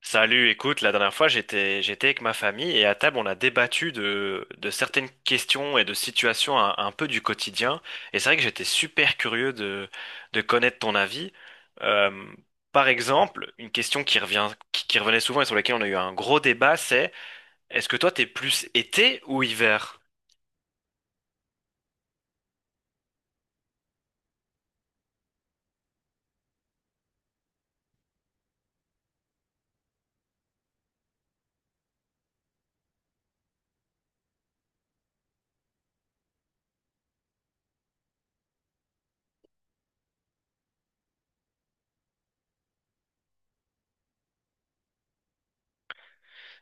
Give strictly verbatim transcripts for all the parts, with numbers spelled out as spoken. Salut, écoute, la dernière fois j'étais j'étais avec ma famille et à table on a débattu de, de certaines questions et de situations un, un peu du quotidien et c'est vrai que j'étais super curieux de, de connaître ton avis. Euh, Par exemple, une question qui revient qui, qui revenait souvent et sur laquelle on a eu un gros débat, c'est est-ce que toi t'es plus été ou hiver?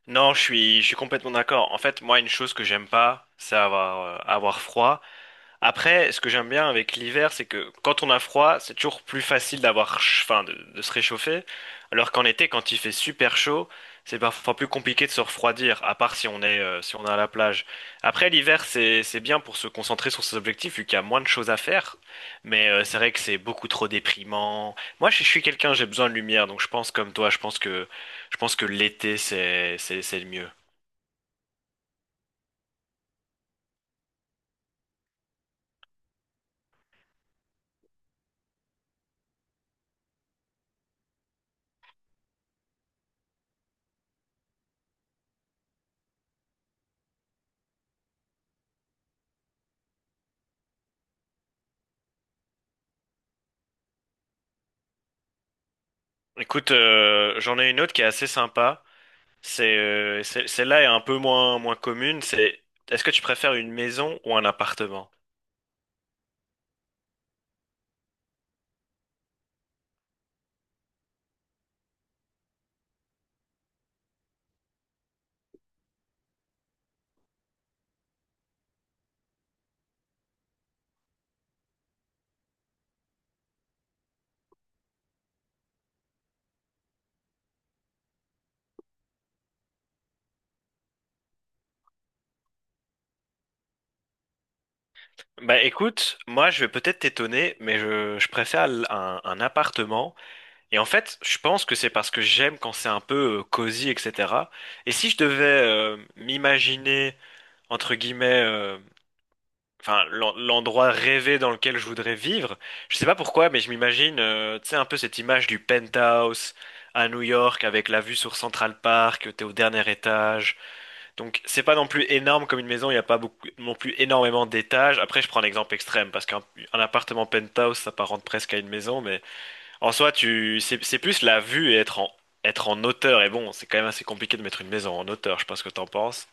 Non, je suis je suis complètement d'accord. En fait, moi une chose que j'aime pas, c'est avoir euh, avoir froid. Après, ce que j'aime bien avec l'hiver, c'est que quand on a froid, c'est toujours plus facile d'avoir, ch- enfin, de, de se réchauffer. Alors qu'en été, quand il fait super chaud, c'est parfois plus compliqué de se refroidir, à part si on est, euh, si on est à la plage. Après, l'hiver, c'est, c'est bien pour se concentrer sur ses objectifs, vu qu'il y a moins de choses à faire. Mais euh, c'est vrai que c'est beaucoup trop déprimant. Moi, je, je suis quelqu'un, j'ai besoin de lumière, donc je pense comme toi, je pense que, je pense que l'été, c'est, c'est, c'est le mieux. Écoute, euh, j'en ai une autre qui est assez sympa. C'est, euh, c'est- celle-là est un peu moins, moins commune. C'est, est-ce que tu préfères une maison ou un appartement? Bah écoute, moi je vais peut-être t'étonner, mais je, je préfère l- un, un appartement. Et en fait, je pense que c'est parce que j'aime quand c'est un peu euh, cosy, et cétéra. Et si je devais euh, m'imaginer, entre guillemets, euh, enfin l'en- l'endroit rêvé dans lequel je voudrais vivre, je sais pas pourquoi, mais je m'imagine, euh, tu sais, un peu cette image du penthouse à New York avec la vue sur Central Park, t'es au dernier étage. Donc c'est pas non plus énorme comme une maison, il n'y a pas beaucoup, non plus énormément d'étages. Après je prends l'exemple extrême parce qu'un un appartement penthouse s'apparente presque à une maison, mais en soi tu c'est c'est plus la vue et être en être en hauteur. Et bon, c'est quand même assez compliqué de mettre une maison en hauteur. Je sais pas ce que t'en penses.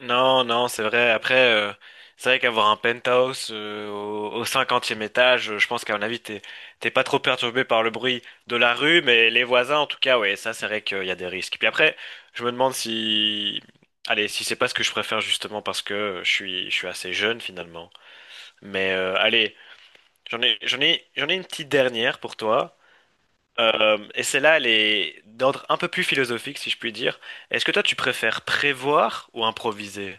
Non, non, c'est vrai. Après, euh, c'est vrai qu'avoir un penthouse euh, au, au cinquantième étage, euh, je pense qu'à mon avis, t'es t'es pas trop perturbé par le bruit de la rue, mais les voisins, en tout cas, ouais, ça, c'est vrai qu'il y a des risques. Puis après, je me demande si, allez, si c'est pas ce que je préfère justement parce que je suis je suis assez jeune finalement. Mais euh, allez, j'en ai j'en ai j'en ai une petite dernière pour toi. Euh, et celle-là, elle est d'ordre un peu plus philosophique, si je puis dire. Est-ce que toi, tu préfères prévoir ou improviser?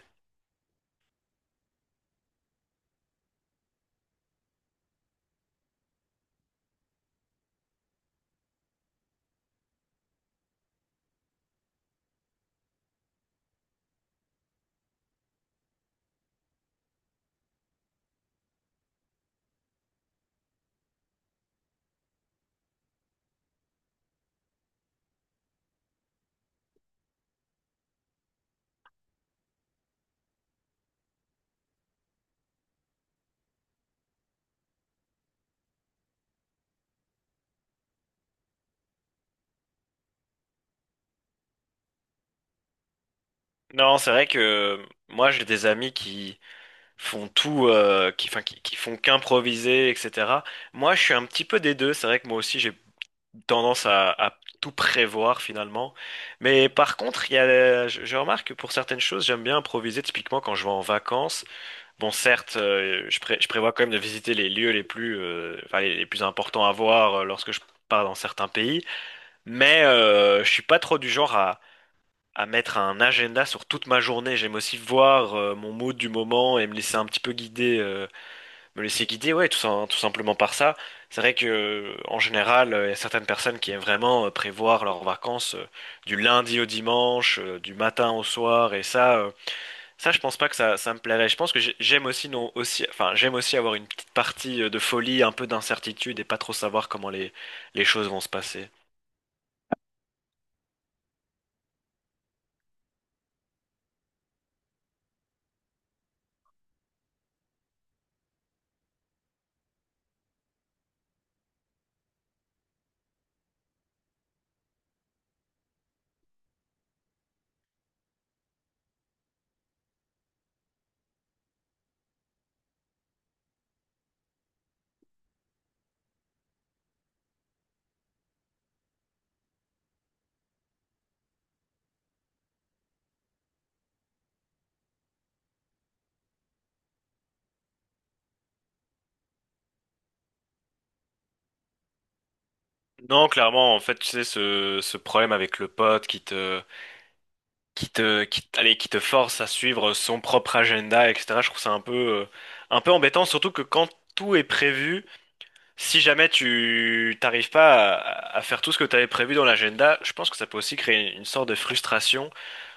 Non, c'est vrai que euh, moi j'ai des amis qui font tout, euh, qui, enfin, qui, qui font qu'improviser, et cétéra. Moi je suis un petit peu des deux, c'est vrai que moi aussi j'ai tendance à, à tout prévoir finalement. Mais par contre, il y a, je, je remarque que pour certaines choses j'aime bien improviser, typiquement quand je vais en vacances. Bon, certes, euh, je, pré- je prévois quand même de visiter les lieux les plus, euh, enfin, les, les plus importants à voir euh, lorsque je pars dans certains pays, mais euh, je suis pas trop du genre à à mettre un agenda sur toute ma journée. J'aime aussi voir euh, mon mood du moment et me laisser un petit peu guider, euh, me laisser guider, ouais, tout, sim- tout simplement par ça. C'est vrai que euh, en général, euh, il y a certaines personnes qui aiment vraiment euh, prévoir leurs vacances euh, du lundi au dimanche, euh, du matin au soir, et ça, euh, ça, je pense pas que ça, ça me plairait. Je pense que j'ai- j'aime aussi non aussi, enfin, j'aime aussi avoir une petite partie euh, de folie, un peu d'incertitude et pas trop savoir comment les les choses vont se passer. Non, clairement, en fait, tu sais, ce, ce problème avec le pote qui te, qui te, qui, allez, qui te force à suivre son propre agenda, et cétéra. Je trouve ça un peu, euh, un peu embêtant, surtout que quand tout est prévu, si jamais tu t'arrives pas à, à faire tout ce que tu avais prévu dans l'agenda, je pense que ça peut aussi créer une, sorte de frustration.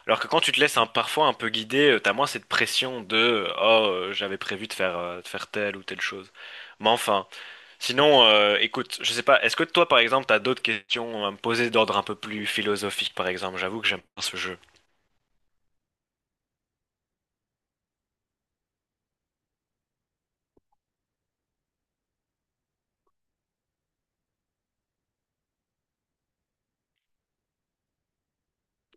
Alors que quand tu te laisses un, parfois un peu guider, euh, t'as moins cette pression de euh, oh euh, j'avais prévu de faire euh, de faire telle ou telle chose. Mais enfin, sinon, euh, écoute, je sais pas, est-ce que toi par exemple t'as d'autres questions à me poser d'ordre un peu plus philosophique par exemple? J'avoue que j'aime pas ce jeu.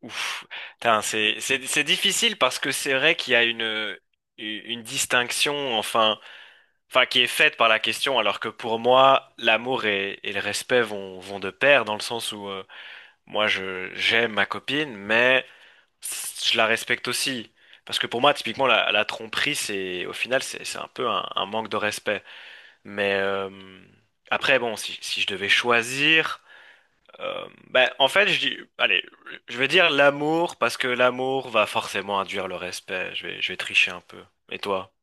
Ouf, putain, c'est c'est c'est difficile parce que c'est vrai qu'il y a une une distinction enfin enfin qui est faite par la question alors que pour moi l'amour et, et le respect vont vont de pair dans le sens où euh, moi je j'aime ma copine mais je la respecte aussi parce que pour moi typiquement la, la tromperie c'est au final c'est c'est un peu un, un manque de respect mais euh, après bon si si je devais choisir euh, ben, en fait, je dis, allez, je vais dire l'amour parce que l'amour va forcément induire le respect. Je vais, je vais tricher un peu. Et toi?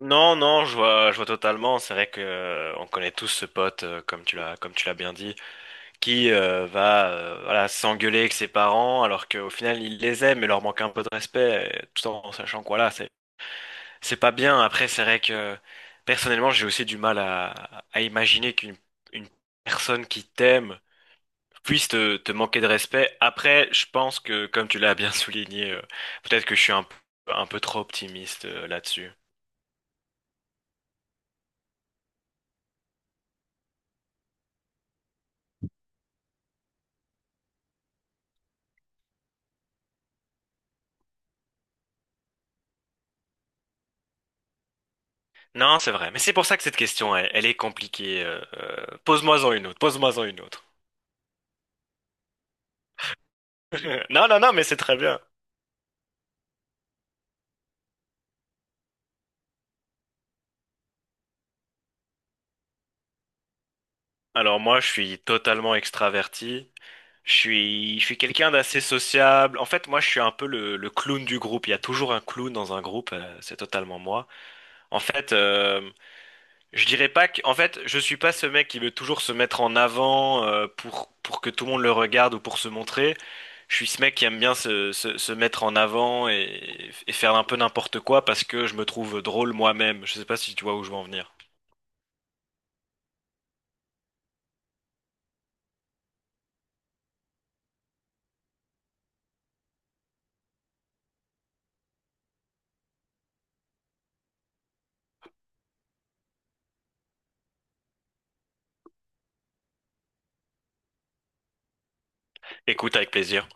Non, non, je vois, je vois totalement. C'est vrai que euh, on connaît tous ce pote, euh, comme tu l'as, comme tu l'as bien dit, qui euh, va, euh, voilà, s'engueuler avec ses parents alors qu'au final il les aime et leur manque un peu de respect, euh, tout en sachant que voilà, c'est, c'est pas bien. Après, c'est vrai que personnellement, j'ai aussi du mal à, à imaginer qu'une une personne qui t'aime puisse te, te manquer de respect. Après, je pense que, comme tu l'as bien souligné, euh, peut-être que je suis un, p- un peu trop optimiste euh, là-dessus. Non, c'est vrai. Mais c'est pour ça que cette question, elle, elle est compliquée. Euh, euh, pose-moi-en une autre. Pose-moi-en une autre. Non, non, non, mais c'est très bien. Alors moi, je suis totalement extraverti. Je suis, je suis quelqu'un d'assez sociable. En fait, moi, je suis un peu le, le clown du groupe. Il y a toujours un clown dans un groupe. euh, C'est totalement moi. En fait, euh, Je dirais pas que, en fait, je suis pas ce mec qui veut toujours se mettre en avant euh, pour pour que tout le monde le regarde ou pour se montrer. Je suis ce mec qui aime bien se se, se mettre en avant et, et faire un peu n'importe quoi parce que je me trouve drôle moi-même. Je sais pas si tu vois où je veux en venir. Écoute avec plaisir.